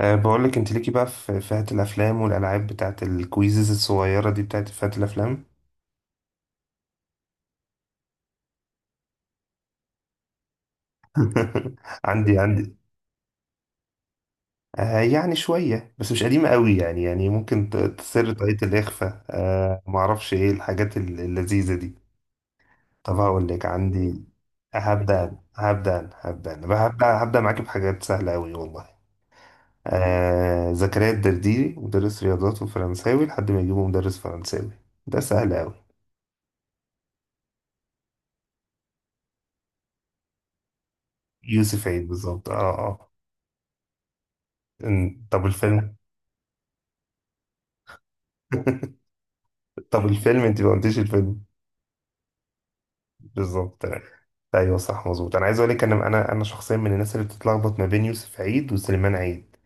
بقول لك انت ليكي بقى في فئة الافلام والالعاب بتاعت الكويزز الصغيرة دي بتاعت فئة الافلام. عندي. يعني شوية بس مش قديمة قوي يعني ممكن تسر طاقية الإخفاء. معرفش ايه الحاجات اللذيذة دي. طب هقول لك، عندي. هبدأ أنا. هبدأ معاكي بحاجات سهلة قوي والله. زكريا الدرديري مدرس رياضات وفرنساوي لحد ما يجيبه مدرس فرنساوي. ده سهل قوي. يوسف عيد بالظبط، اه اه. طب الفيلم. طب الفيلم، انت ما قلتيش الفيلم؟ بالظبط. ايوه صح مظبوط، انا عايز اقول لك انا شخصيا من الناس اللي بتتلخبط ما بين يوسف عيد وسليمان عيد.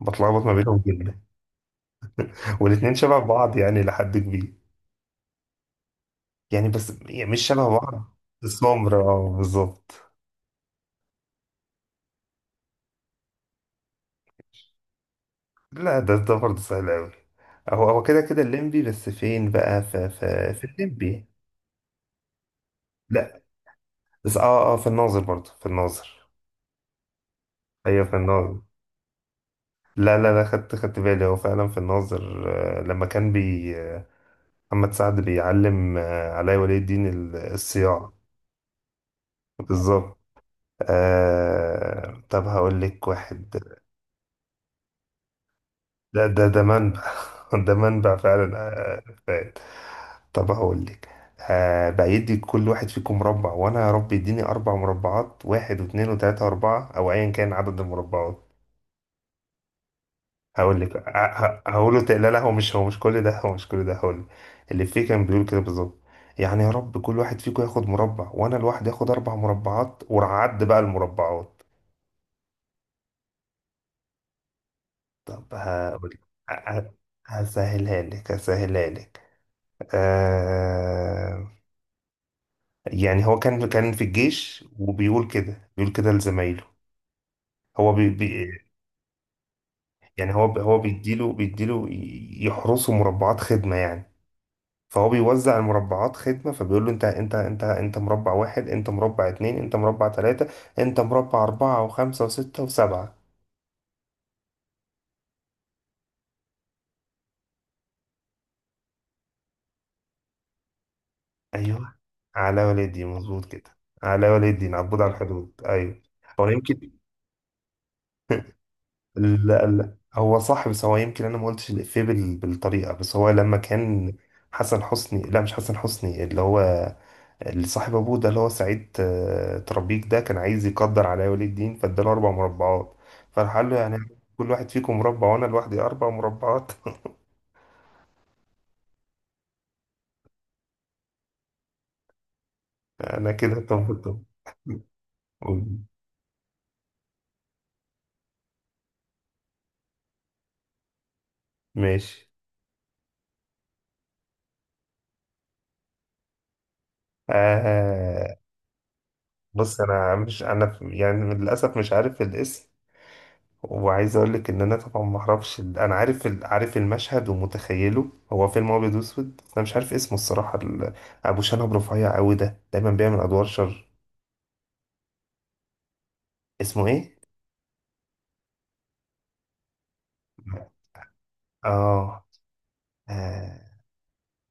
بتلخبط ما بينهم جدا. والاثنين شبه بعض يعني لحد كبير. يعني بس يعني مش شبه بعض، السمر اه بالظبط. لا، ده برضه سهل قوي. هو كده كده الليمبي، بس فين بقى؟ في الليمبي. لا بس اه اه، في الناظر برضه، في الناظر. ايوه في الناظر. لا لا لا، خدت بالي، هو فعلا في الناظر. لما كان بي آه، محمد سعد بيعلم، علاء ولي الدين الصياعة. بالظبط. طب هقول لك واحد. ده منبع. ده منبع فعلا. فات. طب هقول لك. بيدي كل واحد فيكم مربع، وانا يا رب يديني اربع مربعات، واحد واثنين وثلاثة واربعة، او ايا كان عدد المربعات. هقول لك هقول له، لا لا، هو مش كل ده، هقول لك اللي فيه كان بيقول كده بالظبط. يعني يا رب كل واحد فيكم ياخد مربع، وانا لوحدي اخد اربع مربعات، وعد بقى المربعات. طب هقول لك. ه- ه- هسهلها لك. آه يعني هو كان في الجيش، وبيقول كده، بيقول كده لزمايله. هو بي. يعني هو هو بيديله يحرسه مربعات خدمة يعني. فهو بيوزع المربعات خدمة، فبيقول له انت مربع واحد، انت مربع اتنين، انت مربع تلاتة، انت مربع اربعة، وخمسة وستة وسبعة. ايوه، على والدي، مظبوط كده. على والدي، عبود على الحدود، ايوه. هو يمكن. لا لا، هو صح، بس هو يمكن انا ما قلتش الافيه بالطريقة، بس هو لما كان حسن حسني، لا مش حسن حسني، اللي هو اللي صاحب ابوه، ده اللي هو سعيد ترابيك. ده كان عايز يقدر على ولي الدين، فاداله اربع مربعات، فراح قال له يعني كل واحد فيكم مربع، وانا لوحدي اربع مربعات. انا كده، طب. ماشي. آه بص، انا يعني للاسف مش عارف الاسم. وعايز اقول لك ان انا طبعا ما اعرفش انا عارف عارف المشهد ومتخيله. هو فيلم ابيض واسود، بس انا مش عارف اسمه الصراحه. ابو شنب رفيع قوي ده دايما بيعمل ادوار شر. اسمه ايه؟ اه آه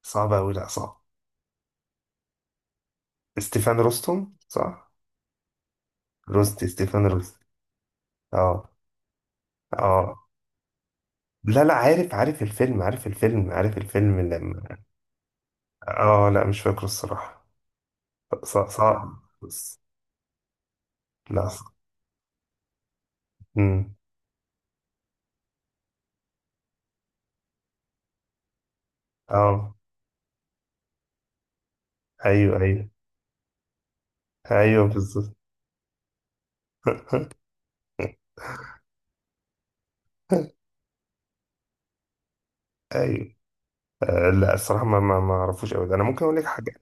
صعب أوي. لأ صعب. ستيفان روستوم صح؟ روستي. ستيفان روستي. اه اه. لا لا، عارف الفيلم لما. اه لا مش فاكره الصراحة، صعب صعب بس. لا صعب. أمم، اه ايوه ايوه ايوه بالظبط. ايوه لا الصراحة، ما اعرفوش أوي ده. انا ممكن اقول لك حاجة.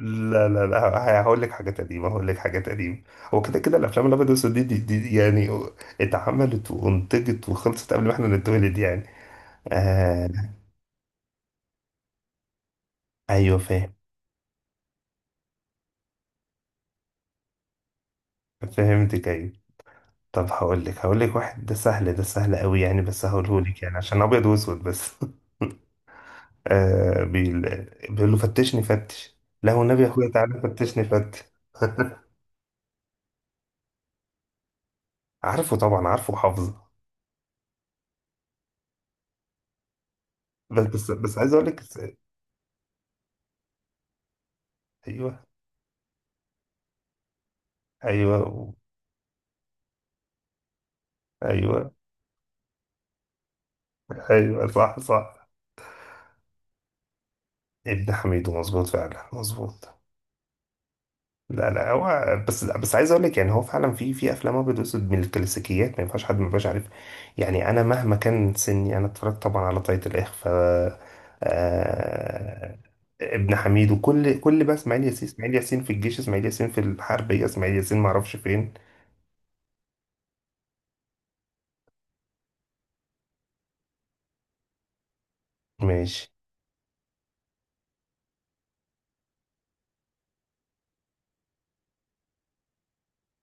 لا لا لا، هقول لك حاجات قديمة، هو كده كده الأفلام الأبيض والأسود دي يعني اتعملت وانتجت وخلصت قبل ما احنا نتولد يعني. آه أيوه فاهم. فهمتك أيوه. طب هقول لك واحد، ده سهل قوي يعني، بس هقوله لك يعني عشان أبيض وأسود بس. آه بيقول بيقول له فتشني فتش، لا والنبي يا أخويا تعالى فتشني فتش. عارفه طبعا، عارفه وحافظه. بس عايز أقول لك. أيوه أيوه أيوه. ايوه صح صح. ابن حميدو، مظبوط فعلا مظبوط. لا لا هو بس، لا بس عايز اقول لك، يعني هو فعلا في افلام ابيض واسود من الكلاسيكيات، ما ينفعش حد ما يبقاش عارف. يعني انا مهما كان سني، انا اتفرجت طبعا على طاقية الاخفاء. آه ابن حميد، وكل كل بقى اسماعيل ياسين، اسماعيل ياسين في الجيش، اسماعيل ياسين في الحربيه، اسماعيل ياسين ما اعرفش فين. ماشي.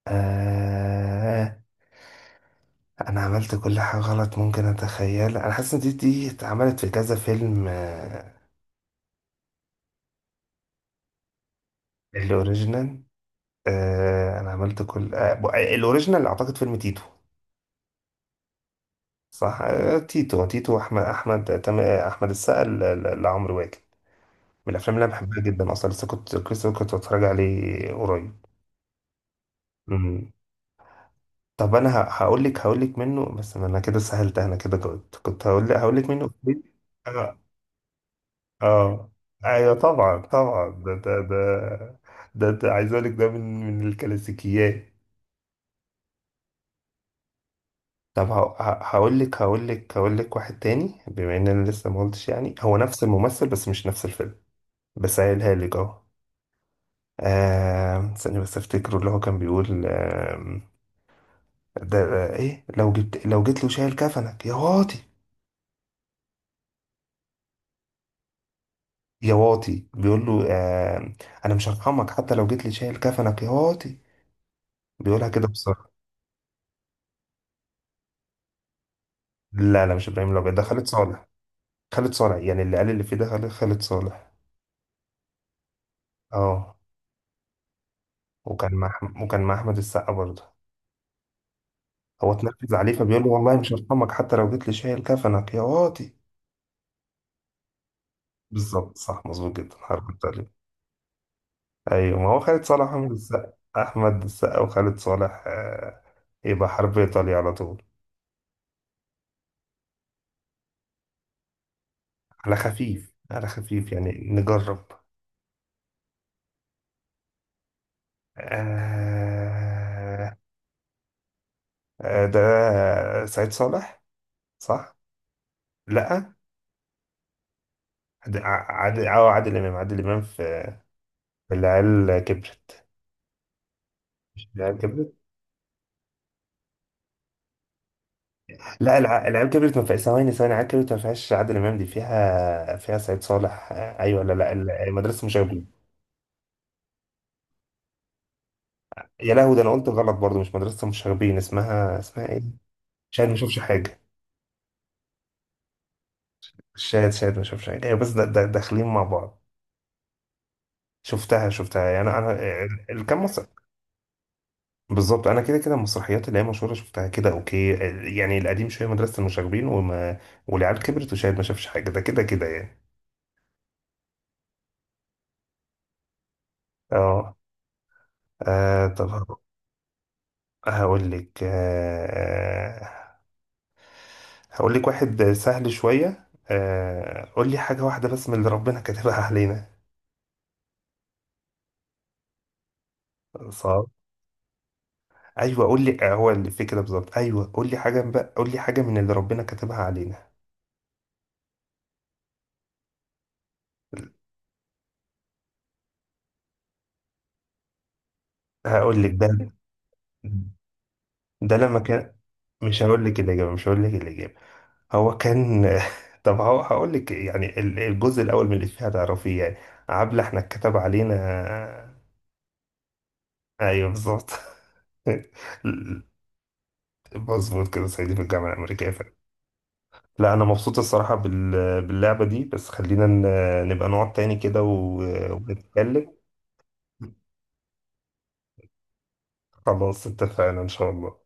آه انا عملت كل حاجه غلط ممكن اتخيل. انا حاسس ان دي اتعملت في كذا فيلم. الاوريجينال. انا عملت كل الاوريجينال اعتقد فيلم تيتو. صح تيتو. احمد السقا لعمرو واكد. من الافلام اللي انا بحبها جدا اصلا، لسه كنت بتفرج عليه قريب. مم. طب انا هقول لك منه، بس انا كده سهلت، انا كده جاوبت. كنت هقول لك منه إفيه. اه اه. ايوه طبعا طبعا، ده ده عايز اقول لك ده من الكلاسيكيات. طب هقول لك واحد تاني، بما ان انا لسه ما قلتش، يعني هو نفس الممثل بس مش نفس الفيلم، بس قايلها لك اهو. استني بس افتكره، اللي هو كان بيقول ده ايه، لو جيت له شايل كفنك يا واطي. يا واطي، بيقول له انا مش هرحمك حتى لو جيت لي شايل كفنك يا واطي، بيقولها كده بسرعه. لا لا مش ابراهيم الابيض، ده خالد صالح. خالد صالح يعني، اللي قال اللي فيه ده خالد صالح. اه. وكان مع احمد السقا برضه. هو اتنرفز عليه، فبيقول له والله مش هرحمك حتى لو جيت لي شايل كفنك يا واطي. بالظبط صح، مظبوط جدا، حركت عليه. ايوه، ما هو خالد صالح، احمد السقا. احمد السقا وخالد صالح يبقى حرب ايطاليا على طول. على خفيف على خفيف يعني، نجرب. آه ده سعيد صالح، صح. لا، عادل اه عادل امام في في العيال كبرت. مش العيال كبرت. لا، العيال كبرت ما فيهاش. ثواني ثواني، العيال كبرت ما فيهاش عادل امام، دي فيها سعيد صالح. ايوه لا لا مدرسه المشاغبين. يا لهوي، ده انا قلت غلط برضو، مش مدرسه المشاغبين، اسمها ايه؟ شاهد ما شافش حاجه. شاهد ما شافش حاجه، ايوه بس ده داخلين مع بعض. شفتها يعني انا كام مصر. بالظبط، انا كده كده المسرحيات اللي هي مشهوره شفتها كده، اوكي يعني القديم شويه، مدرسه المشاغبين والعيال كبرت وشاهد ما شافش حاجه، ده كده كده يعني. اه طب هقول لك. هقول لك واحد سهل شوية. قول لي حاجة واحدة بس من اللي ربنا كاتبها علينا. صعب. ايوه قول لي، هو اللي في كده بالظبط. ايوه قول لي حاجة بقى، قول لي حاجة من اللي ربنا كاتبها علينا. هقول لك ده لما كان، مش هقول لك الإجابة، هو كان. طب هو هقول لك يعني الجزء الأول من الإفيه هتعرفيه يعني. عبلة احنا اتكتب علينا ايوه بالظبط. مظبوط كده، صعيدي في الجامعة الأمريكية. لا، انا مبسوط الصراحه باللعبه دي، بس خلينا نبقى نقعد تاني كده ونتكلم. خلاص اتفقنا ان شاء الله.